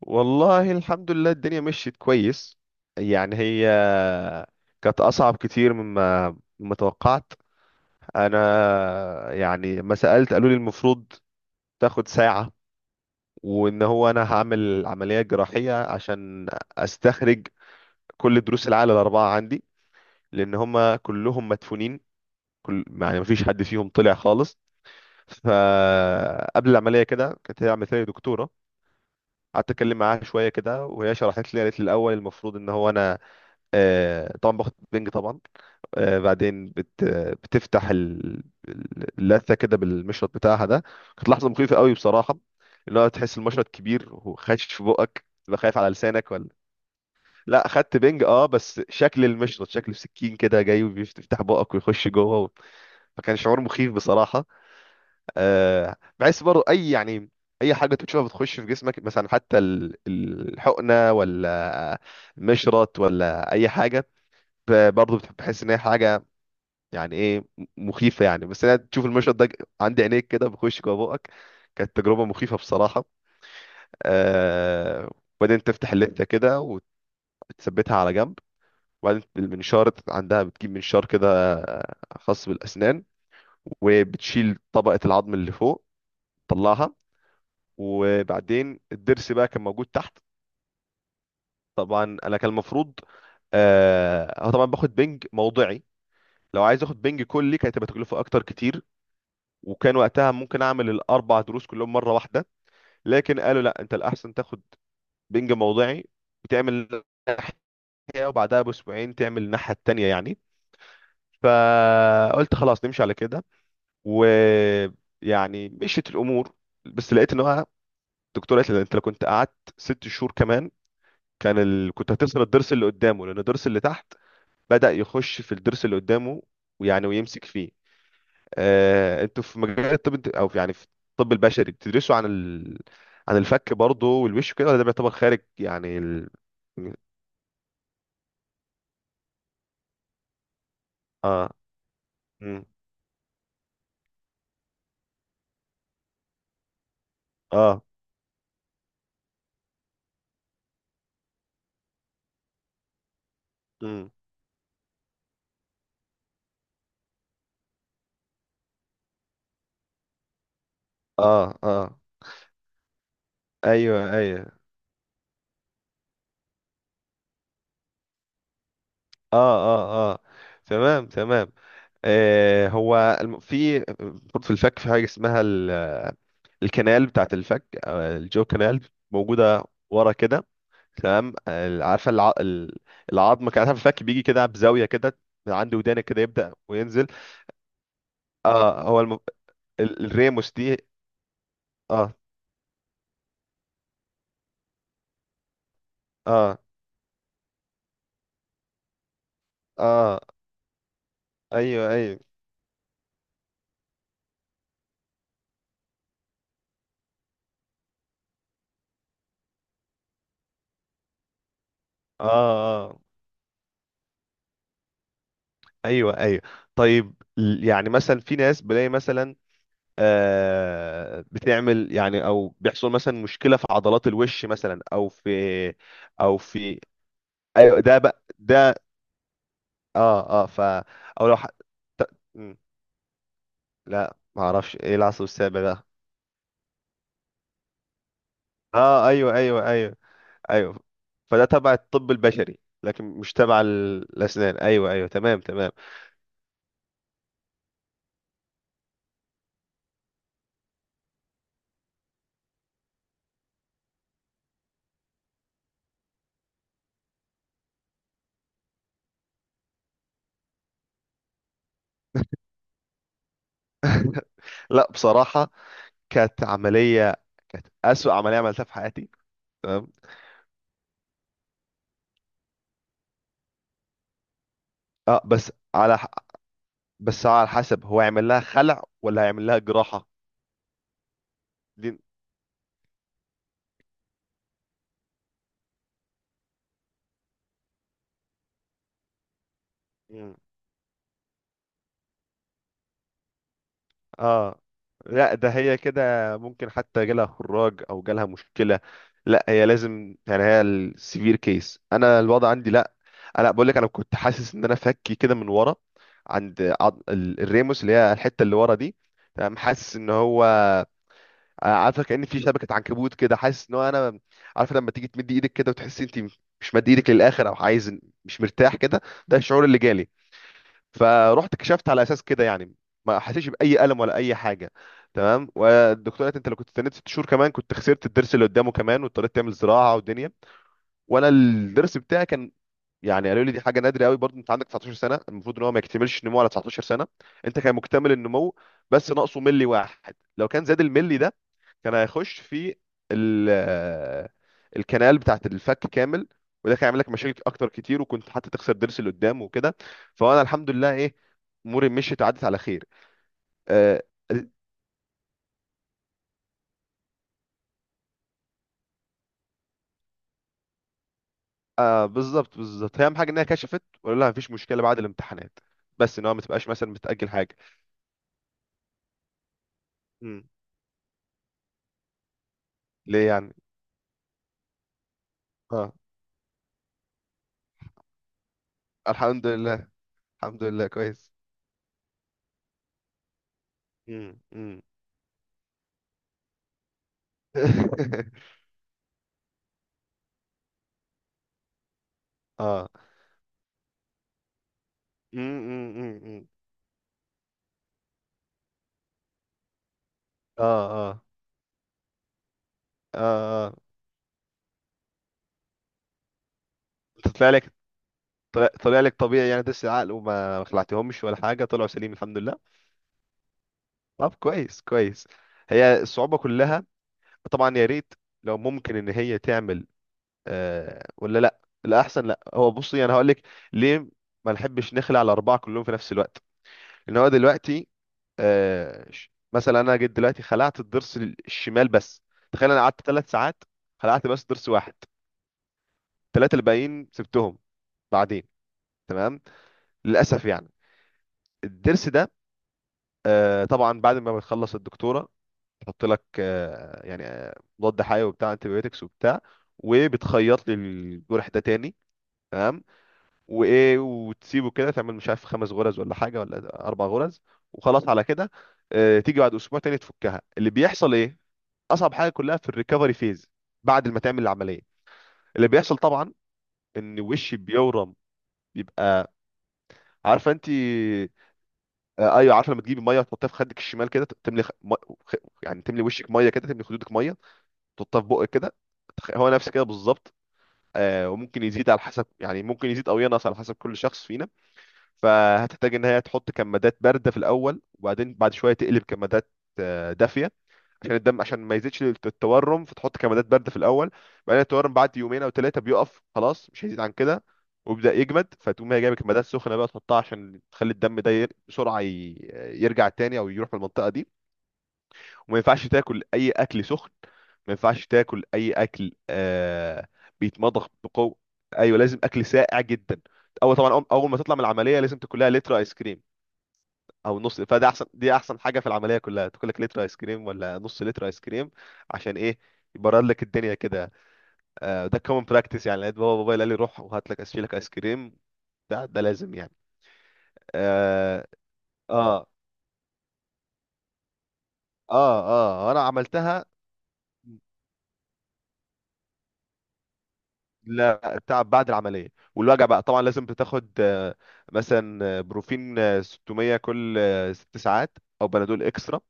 والله، الحمد لله، الدنيا مشيت كويس. يعني هي كانت أصعب كتير مما توقعت. أنا يعني ما سألت، قالوا لي المفروض تاخد ساعة، وإن هو أنا هعمل عملية جراحية عشان أستخرج كل دروس العقل الأربعة عندي، لأن هما كلهم مدفونين. كل يعني مفيش حد فيهم طلع خالص. فقبل العملية كده كانت هي عملت لي دكتورة، قعدت اتكلم معاها شويه كده، وهي شرحت لي، قالت لي الاول المفروض ان هو انا طبعا باخد بنج، طبعا. بعدين بتفتح اللثه كده بالمشرط بتاعها ده. كانت لحظه مخيفه قوي بصراحه. اللي هو تحس المشرط كبير وخش في بقك، تبقى خايف على لسانك ولا. لا، خدت بنج اه، بس شكل المشرط شكل سكين كده جاي وبيفتح بقك ويخش جوه و... فكان شعور مخيف بصراحه. بحس برضه اي يعني اي حاجه تشوفها بتخش في جسمك مثلا، حتى الحقنه ولا مشرط ولا اي حاجه، برضه بتحس ان هي حاجه يعني ايه مخيفه يعني. بس انا تشوف المشهد ده عندي عينيك كده بيخش جوه بقك. كانت تجربه مخيفه بصراحه. آه وبعدين تفتح اللفه كده وتثبتها على جنب. وبعدين المنشار، عندها بتجيب منشار كده، خاص بالاسنان، وبتشيل طبقه العظم اللي فوق تطلعها. وبعدين الضرس بقى كان موجود تحت. طبعا انا كان المفروض، أنا طبعا باخد بنج موضعي. لو عايز اخد بنج كلي كانت هتبقى تكلفه اكتر كتير، وكان وقتها ممكن اعمل الاربع دروس كلهم مره واحده. لكن قالوا لا، انت الاحسن تاخد بنج موضعي وتعمل ناحيه، وبعدها باسبوعين تعمل الناحيه التانيه يعني. فقلت خلاص نمشي على كده، ويعني مشيت الامور. بس لقيت ان هو الدكتوره قالت لي، انت لو كنت قعدت 6 شهور كمان، كنت هتخسر الضرس اللي قدامه، لان الضرس اللي تحت بدأ يخش في الضرس اللي قدامه، ويعني ويمسك فيه. انتوا في مجال الطب يعني في الطب البشري بتدرسوا عن عن الفك برضه والوش وكده، ولا ده بيعتبر خارج يعني ال... اه. مم. اه. مم. اه اه. ايوه ايوه. اه اه اه. تمام تمام. في برضه في الفك في حاجه اسمها الكنال بتاعت الفك، الجو كنال، موجوده ورا كده. تمام. عارفه العظم، كان عارفه الفك بيجي كده بزاويه كده، من عند ودانك كده يبدا وينزل. اه. الريموس دي. اه اه اه. ايوه ايوه. اه اه. ايوه ايوه. طيب، يعني مثلا في ناس بلاقي مثلا بتعمل يعني، او بيحصل مثلا مشكله في عضلات الوش مثلا، او في ايوه ده بقى ده. اه اه او لو ح... ت... م، لا، ما اعرفش ايه العصب السابع ده. اه ايوه ايوه ايوه ايوه. فده تبع الطب البشري لكن مش تبع الاسنان. ايوه ايوه تمام تمام. لا، بصراحه كانت عمليه كانت اسوأ عمليه عملتها في حياتي. تمام. اه، بس على حسب هو هيعمل لها خلع ولا هيعمل لها جراحه. دي. مم. اه، لا ده هي كده ممكن حتى جالها خراج او جالها مشكله. لا هي لازم يعني، هي السيفير كيس، انا الوضع عندي لا. انا بقول لك، انا كنت حاسس ان انا فكي كده من ورا، الريموس اللي هي الحته اللي ورا دي. تمام. حاسس ان هو عارفه كأن في شبكه عنكبوت كده، حاسس ان هو انا، عارفه لما تيجي تمدي ايدك كده وتحسي انت مش مد ايدك للاخر، او عايز، مش مرتاح كده. ده الشعور اللي جالي. فروحت كشفت على اساس كده يعني. ما حسيتش باي الم ولا اي حاجه. تمام. والدكتوره قالت، انت لو كنت استنيت 6 شهور كمان، كنت خسرت الضرس اللي قدامه كمان، واضطريت تعمل زراعه ودنيا. وانا الضرس بتاعي كان، يعني قالوا لي دي حاجه نادره قوي برضه، انت عندك 19 سنه، المفروض ان هو ما يكتملش النمو على 19 سنه. انت كان مكتمل النمو، بس ناقصه ملي واحد، لو كان زاد الملي ده كان هيخش في ال الكنال بتاعت الفك كامل. وده كان يعمل لك مشاكل اكتر كتير، وكنت حتى تخسر ضرس اللي قدام وكده. فانا الحمد لله ايه، اموري مشيت وعدت على خير. آه آه. بالظبط بالظبط، هي اهم حاجه انها كشفت ولا لا، مفيش مشكله بعد الامتحانات. بس ان هو ما تبقاش مثلا بتاجل حاجه. مم. ليه يعني؟ اه، الحمد لله. الحمد لله كويس. امم. اه. امم. اه اه اه اه. انت طلع لك، طلع لك طبيعي يعني، دس العقل وما ما خلعتهمش ولا حاجه، طلعوا سليم الحمد لله. طب كويس كويس. هي الصعوبه كلها. طبعا يا ريت لو ممكن ان هي تعمل. ولا لا الاحسن، لا هو بصي، انا هقول لك ليه ما نحبش نخلع الاربعه كلهم في نفس الوقت. ان هو دلوقتي مثلا انا جيت دلوقتي خلعت الضرس الشمال بس. تخيل، انا قعدت 3 ساعات، خلعت بس ضرس واحد. الثلاثه الباقيين سبتهم بعدين. تمام. للاسف يعني الضرس ده. طبعا بعد ما بتخلص الدكتوره، تحط لك مضاد حيوي وبتاع انتبيوتكس وبتاع، وبتخيط لي الجرح ده تاني. تمام. وايه، وتسيبه كده، تعمل مش عارف خمس غرز ولا حاجه ولا اربع غرز، وخلاص على كده. تيجي بعد اسبوع تاني تفكها، اللي بيحصل ايه. اصعب حاجه كلها في الريكفري فيز بعد ما تعمل العمليه. اللي بيحصل طبعا ان وشي بيورم، بيبقى عارفه انت. ايوه عارفه، لما تجيبي ميه وتحطها في خدك الشمال كده، تملي خ... يعني تملي وشك ميه كده، تملي خدودك ميه، تحطها في بقك كده. هو نفس كده بالظبط. وممكن يزيد على حسب يعني، ممكن يزيد او ينقص على حسب كل شخص فينا. فهتحتاج ان هي تحط كمادات بارده في الاول، وبعدين بعد شويه تقلب كمادات دافيه، عشان الدم، عشان ما يزيدش التورم. فتحط كمادات بارده في الاول، بعدين التورم بعد يومين او ثلاثه بيقف خلاص، مش هيزيد عن كده ويبدا يجمد. فتقوم هي جايب الكمادات السخنه بقى تحطها، عشان تخلي الدم ده يرجع تاني، او يروح من المنطقه دي. وما ينفعش تاكل اي اكل سخن، ما ينفعش تاكل اي اكل بيتمضغ بقوه. ايوه، لازم اكل ساقع جدا. اول أول ما تطلع من العمليه لازم تاكل لها لتر ايس كريم، او نص. فده احسن، دي احسن حاجه في العمليه كلها، تاكل لك لتر ايس كريم ولا نص لتر ايس كريم. عشان ايه؟ يبرد لك الدنيا كده. ده كومن براكتس يعني. لقيت بابا قال لي روح وهات لك اشيلك ايس كريم. ده لازم يعني. اه اه اه اه. انا عملتها. لا، تعب بعد العمليه. والوجع بقى طبعا لازم بتاخد، مثلا بروفين 600 كل 6 ساعات، او بنادول اكسترا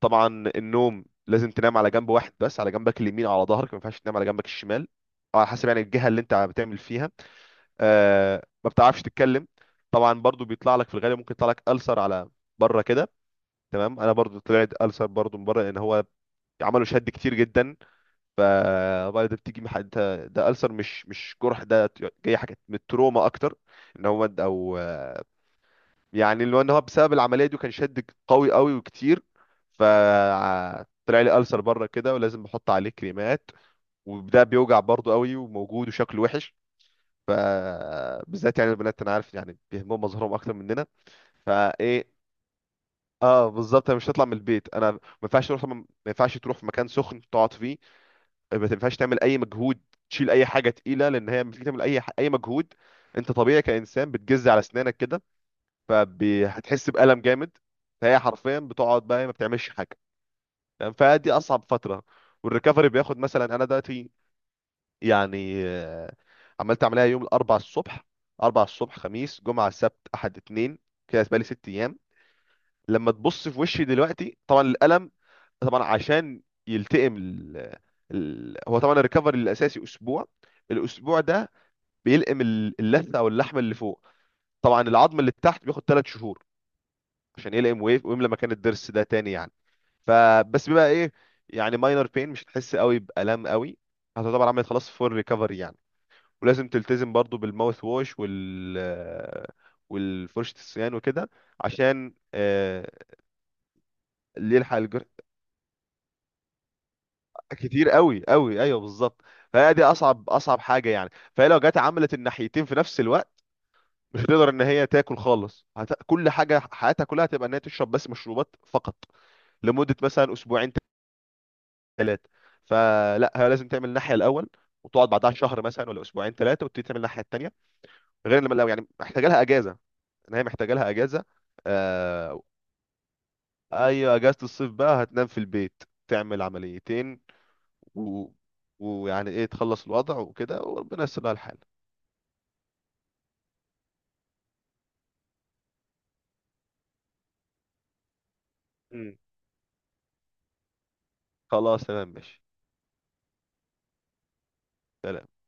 طبعا. النوم، لازم تنام على جنب واحد بس، على جنبك اليمين، على ظهرك. ما ينفعش تنام على جنبك الشمال، أو على حسب يعني الجهه اللي انت بتعمل فيها. ما بتعرفش تتكلم. طبعا برضو بيطلع لك في الغالب، ممكن يطلع لك ألسر على بره كده. تمام. انا برضو طلعت ألسر برضو من بره، لان هو عملوا شد كتير جدا. فبعد ده بتيجي ده ألسر، مش جرح ده، جاي حاجه من التروما اكتر. ان هو مد، او يعني اللي هو ان هو بسبب العمليه دي كان شد قوي قوي وكتير. فطلع لي ألسر بره كده، ولازم بحط عليه كريمات. وده بيوجع برضه قوي، وموجود وشكله وحش. ف بالذات يعني البنات، انا عارف يعني بيهمهم مظهرهم اكتر مننا، فايه. اه بالظبط، انا مش هطلع من البيت. انا ما ينفعش تروح في مكان سخن تقعد فيه، ما ينفعش تعمل اي مجهود، تشيل اي حاجه تقيله، لان هي لما تيجي تعمل اي مجهود، انت طبيعي كانسان بتجز على اسنانك كده، فهتحس بألم جامد. فهي حرفيا بتقعد بقى ما بتعملش حاجة، تمام؟ فدي أصعب فترة. والريكفري بياخد، مثلا أنا دلوقتي يعني عملت عملية يوم الأربع الصبح. أربع الصبح، خميس، جمعة، سبت، أحد، اتنين، كده بقالي 6 أيام. لما تبص في وشي دلوقتي طبعا الألم، طبعا عشان يلتئم هو طبعا الريكفري الأساسي أسبوع. الأسبوع ده بيلئم اللثة، أو اللحم اللي فوق. طبعا العظم اللي تحت بياخد 3 شهور عشان يلقم ويملى مكان الضرس ده تاني يعني. فبس بيبقى ايه، يعني ماينر بين، مش هتحس قوي بألم قوي، هتعتبر عملت خلاص فول ريكفري يعني. ولازم تلتزم برضو بالماوث ووش والفرشة السنان وكده، عشان اللي يلحق الجرح. كتير قوي قوي، ايوه بالظبط. فهي دي اصعب اصعب حاجه يعني. فهي لو جت عملت الناحيتين في نفس الوقت، مش هتقدر ان هي تاكل خالص. كل حاجه حياتها كلها هتبقى ان هي تشرب بس مشروبات فقط، لمده مثلا اسبوعين ثلاثه. فلا، هي لازم تعمل الناحيه الاول، وتقعد بعدها شهر مثلا، ولا اسبوعين ثلاثه، وتبتدي تعمل الناحيه الثانيه، غير لما لو يعني محتاجه لها اجازه، ان هي محتاجه لها اجازه. آه ايوه، اجازه الصيف بقى هتنام في البيت، تعمل عمليتين و... ويعني ايه تخلص الوضع وكده، وربنا يسر لها الحال. مم. خلاص تمام ماشي. سلام.